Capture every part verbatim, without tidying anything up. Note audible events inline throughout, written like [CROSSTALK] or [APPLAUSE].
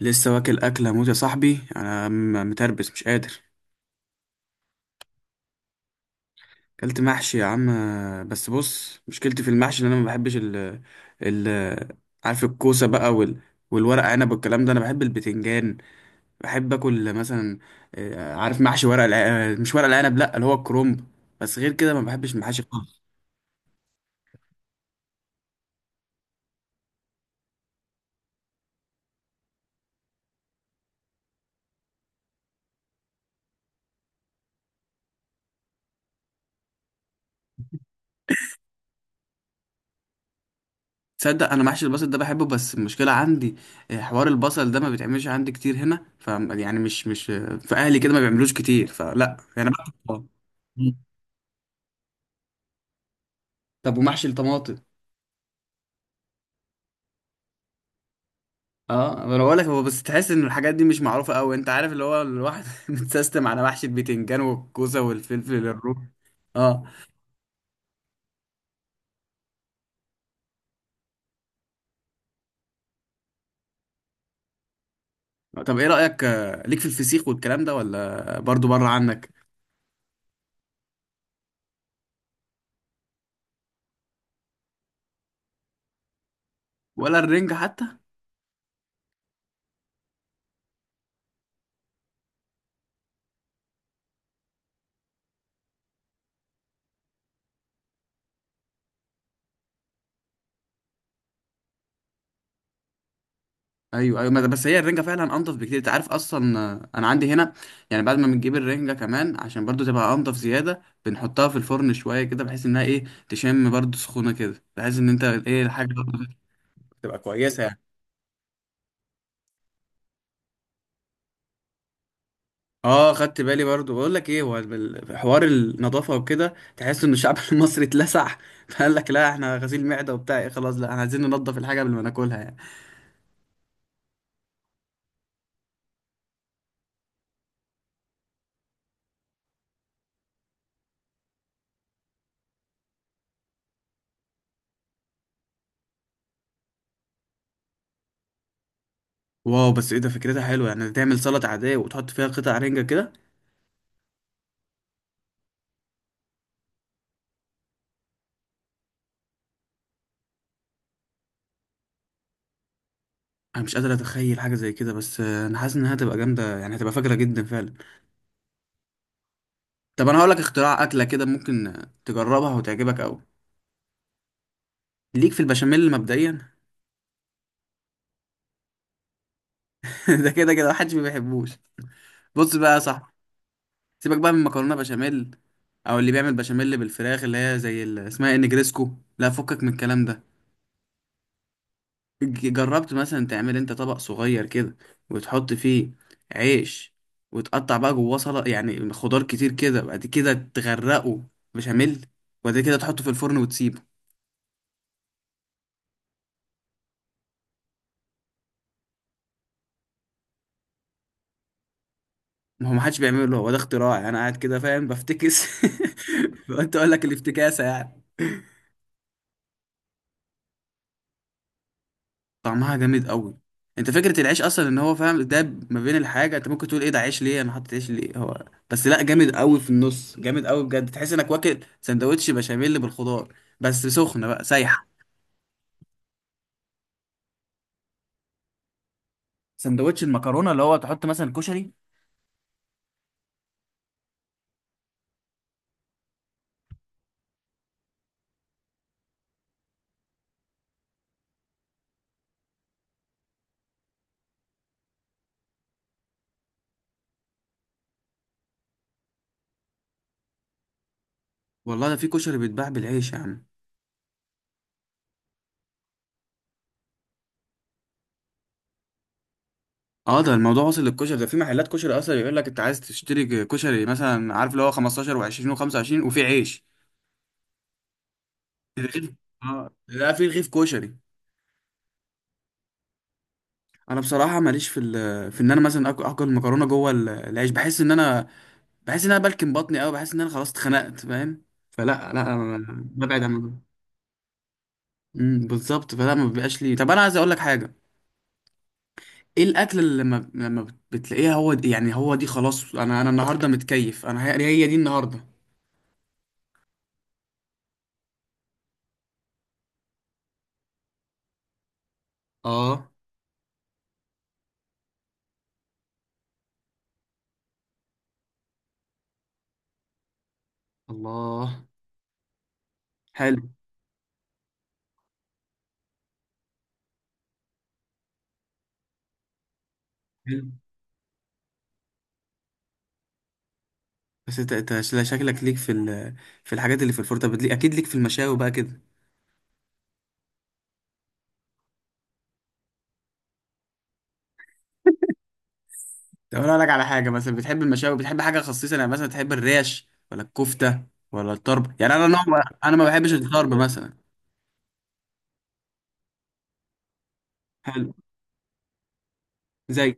لسه واكل اكله موت يا صاحبي. انا م- متربس، مش قادر. اكلت محشي يا عم. بس بص، مشكلتي في المحشي ان انا ما بحبش ال ال عارف الكوسه بقى وال والورق عنب والكلام ده. انا بحب البتنجان، بحب اكل مثلا. آه، عارف محشي ورق الع... آه، مش ورق العنب، لا، اللي هو الكرنب. بس غير كده ما بحبش المحاشي خالص. تصدق انا محشي البصل ده بحبه، بس المشكله عندي آه، حوار البصل ده ما بيتعملش عندي كتير هنا، ف يعني مش مش آه، في اهلي كده ما بيعملوش كتير، فلا يعني. أنا- طب، ومحشي الطماطم؟ اه، ما انا بقول لك. هو بس تحس ان الحاجات دي مش معروفه قوي. انت عارف اللي هو الواحد [LAUGHS] متسيستم على محشي البتنجان والكوسه والفلفل الروح. اه. طب ايه رايك آه، ليك في الفسيخ والكلام ده، ولا برضو بره عنك؟ ولا الرنجه حتى؟ ايوه، ايوه. ما ده- بس هي الرنجه فعلا انضف بكتير. انت عارف اصلا، آه، انا عندي هنا يعني بعد ما بنجيب الرنجه كمان، عشان برضو تبقى انضف زياده، بنحطها في الفرن شويه كده، بحيث انها ايه، تشم برضو سخونه كده، بحيث ان انت ايه، الحاجه برضو تبقى كويسه يعني. اه، خدت بالي برضو. بقول لك ايه، هو ال- حوار النظافه وكده، تحس ان الشعب [LAUGHS] المصري اتلسع، فقال لك لا، احنا غسيل معده وبتاع، ايه خلاص، لا احنا عايزين ننضف الحاجه قبل ما ناكلها يعني. واو، بس ايه ده، فكرتها حلوه يعني، تعمل سلطه عاديه وتحط فيها قطع رنجه كده. انا مش قادر اتخيل حاجه زي كده، بس آه، انا حاسس انها هتبقى جامده يعني، هتبقى فجره جدا فعلا. طب انا هقول لك اختراع اكله كده، ممكن آه، تجربها وتعجبك قوي. ليك في البشاميل مبدئيا [LAUGHS] ده كده كده محدش ما بيحبوش. بص بقى يا صاحبي، سيبك بقى من مكرونه بشاميل، او اللي بيعمل بشاميل بالفراخ اللي هي زي ال- اسمها إيه، نجريسكو. لا، فكك من الكلام ده. ج- جربت مثلا تعمل انت طبق صغير كده، وتحط فيه عيش، وتقطع بقى جواه سلطه يعني خضار كتير كده، بعد كده تغرقه بشاميل، وبعد كده تحطه في الفرن وتسيبه. ما هو ما حدش بيعمله، هو ده اختراع يعني، انا قاعد كده فاهم بفتكس [LAUGHS] قلت اقول لك الافتكاسه يعني. طعمها جامد قوي. انت فكره العيش اصلا، ان هو فاهم ده ما بين الحاجه، انت ممكن تقول ايه ده، عيش ليه، انا حاطط عيش ليه، هو بس لا، جامد قوي في النص، جامد قوي بجد. تحس انك واكل سندوتش بشاميل بالخضار، بس سخنه بقى سايحه. سندوتش المكرونه اللي هو تحط مثلا كشري؟ والله ده في كشري بيتباع بالعيش يا عم. اه، ده الموضوع وصل للكشري، ده في محلات كشري اصلا يقول لك انت عايز تشتري كشري مثلا، عارف اللي هو خمسة عشر و20 و25، وفي عيش، رغيف. اه، لا، في رغيف كشري. انا بصراحه ماليش في ال... في ان انا مثلا آك- اكل المكرونه جوه ال- العيش. بحس ان انا، بحس ان انا بلكم بطني قوي، بحس ان انا خلاص اتخنقت، فاهم؟ فلا، لا أنا ببعد عن الموضوع. امم بالظبط، فلا ما بيبقاش لي. طب انا عايز اقول لك حاجه، ايه الاكل اللي لما لما بتلاقيها، هو دي يعني، هو دي خلاص، انا انا النهارده متكيف، انا هي, هي دي النهارده. اه، الله، حلو. حلو. بس انت انت شكلك ليك في ال... في الحاجات اللي في الفرن. طب ليك- اكيد ليك في المشاوي بقى كده. طب انا اقول لك على حاجه، مثلا بتحب المشاوي، بتحب حاجه خصيصه يعني، مثلا تحب الريش ولا الكفته ولا الطرب؟ يعني انا نوع، انا ما بحبش الطرب مثلا. حلو. زي،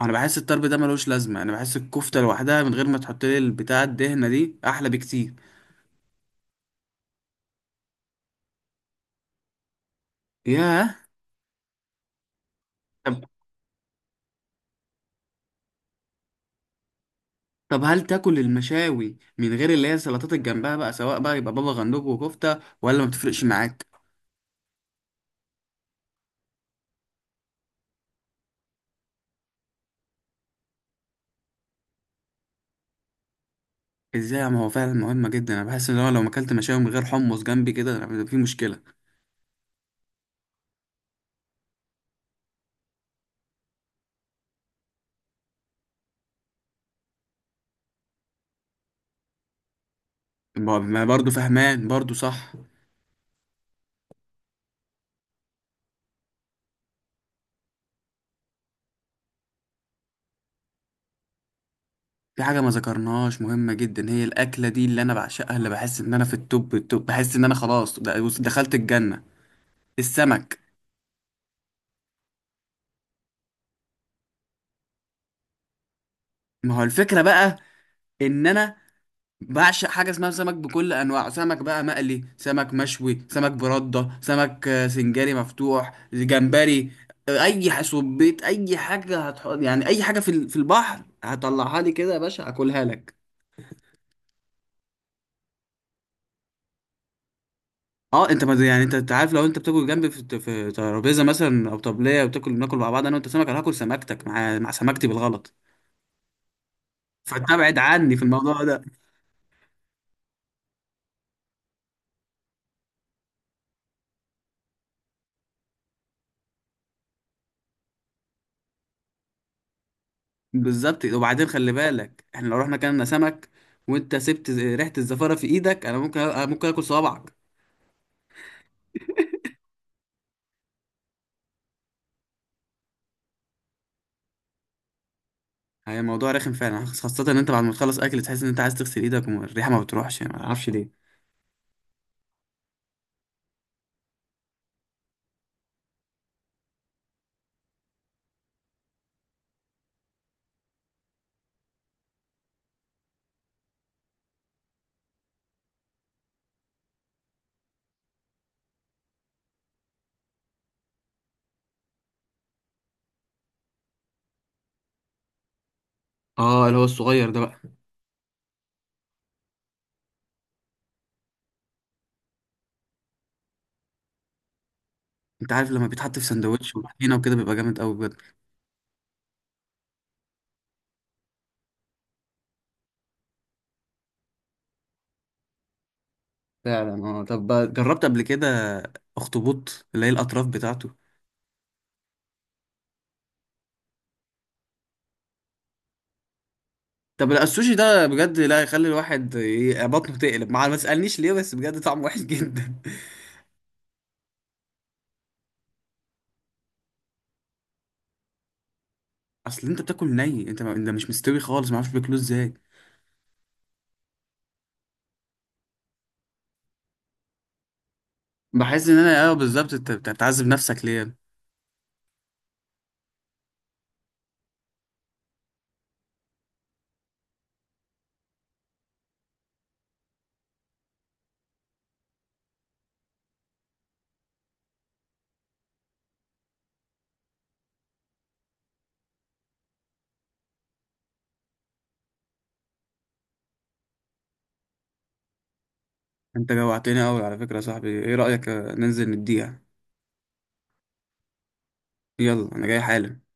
انا بحس الطرب ده ملوش لازمه، انا بحس الكفته لوحدها من غير ما تحط لي البتاع الدهنه دي احلى بكتير. ياه. طب طب هل تاكل المشاوي من غير اللي هي السلطات اللي جنبها بقى، سواء بقى يبقى بابا غنوج وكفته، ولا ما بتفرقش معاك؟ ازاي، ما هو فعلا مهمه جدا، انا بحس ان هو لو ما اكلت مشاوي من غير حمص جنبي كده، أنا في مشكله. ما برضه فهمان برضه، صح. في حاجة ما ذكرناهاش مهمة جدا، هي الأكلة دي اللي أنا بعشقها، اللي بحس إن أنا في التوب التوب، بحس إن أنا خلاص، د- بص، دخلت الجنة. السمك. ما هو الفكرة بقى، إن أنا بعشق حاجة اسمها سمك، بكل أنواعه. سمك بقى مقلي، سمك مشوي، سمك بردة، سمك آه، سنجاري، مفتوح، جمبري، آه، أي ح- سبيط، أي حاجة هتحط يعني، أي حاجة في ال- في البحر هطلعها لي كده يا باشا أكلها لك. اه، انت ما يعني، انت أنت عارف، لو انت بتاكل جنبي في في ترابيزه مثلا او طبليه وتاكل، ناكل مع بعض انا وانت سمك، انا هاكل سمكتك مع مع سمكتي بالغلط، فتبعد عني في الموضوع ده. بالظبط. وبعدين خلي بالك، احنا لو رحنا كلنا سمك وانت سبت ز- ريحه الزفاره في ايدك، انا ممكن أ- ممكن اكل صوابعك. هي موضوع رخم فعلا، خاصه ان انت بعد ما تخلص اكل تحس ان انت عايز تغسل ايدك والريحه ما بتروحش يعني، ما اعرفش ليه. اه، اللي هو الصغير ده بقى. انت عارف لما بيتحط في سندوتش وطحينه وكده بيبقى جامد قوي. فعلا. اه، طب جربت قبل كده اخطبوط، اللي هي الاطراف بتاعته؟ طب لا، السوشي ده بجد لا، يخلي الواحد ي- بطنه تقلب، مع ما تسالنيش ليه، بس بجد طعمه وحش جدا. [LAUGHS] اصل انت بتاكل ني، انت ما... انت مش مستوي خالص، ما اعرفش بياكلوه ازاي. بحس ان انا، اه بالظبط، انت بت- بتعذب نفسك ليه. انت جوعتني قوي على فكره يا صاحبي. ايه رايك آه، ننزل نديها؟ يلا انا جاي حالا.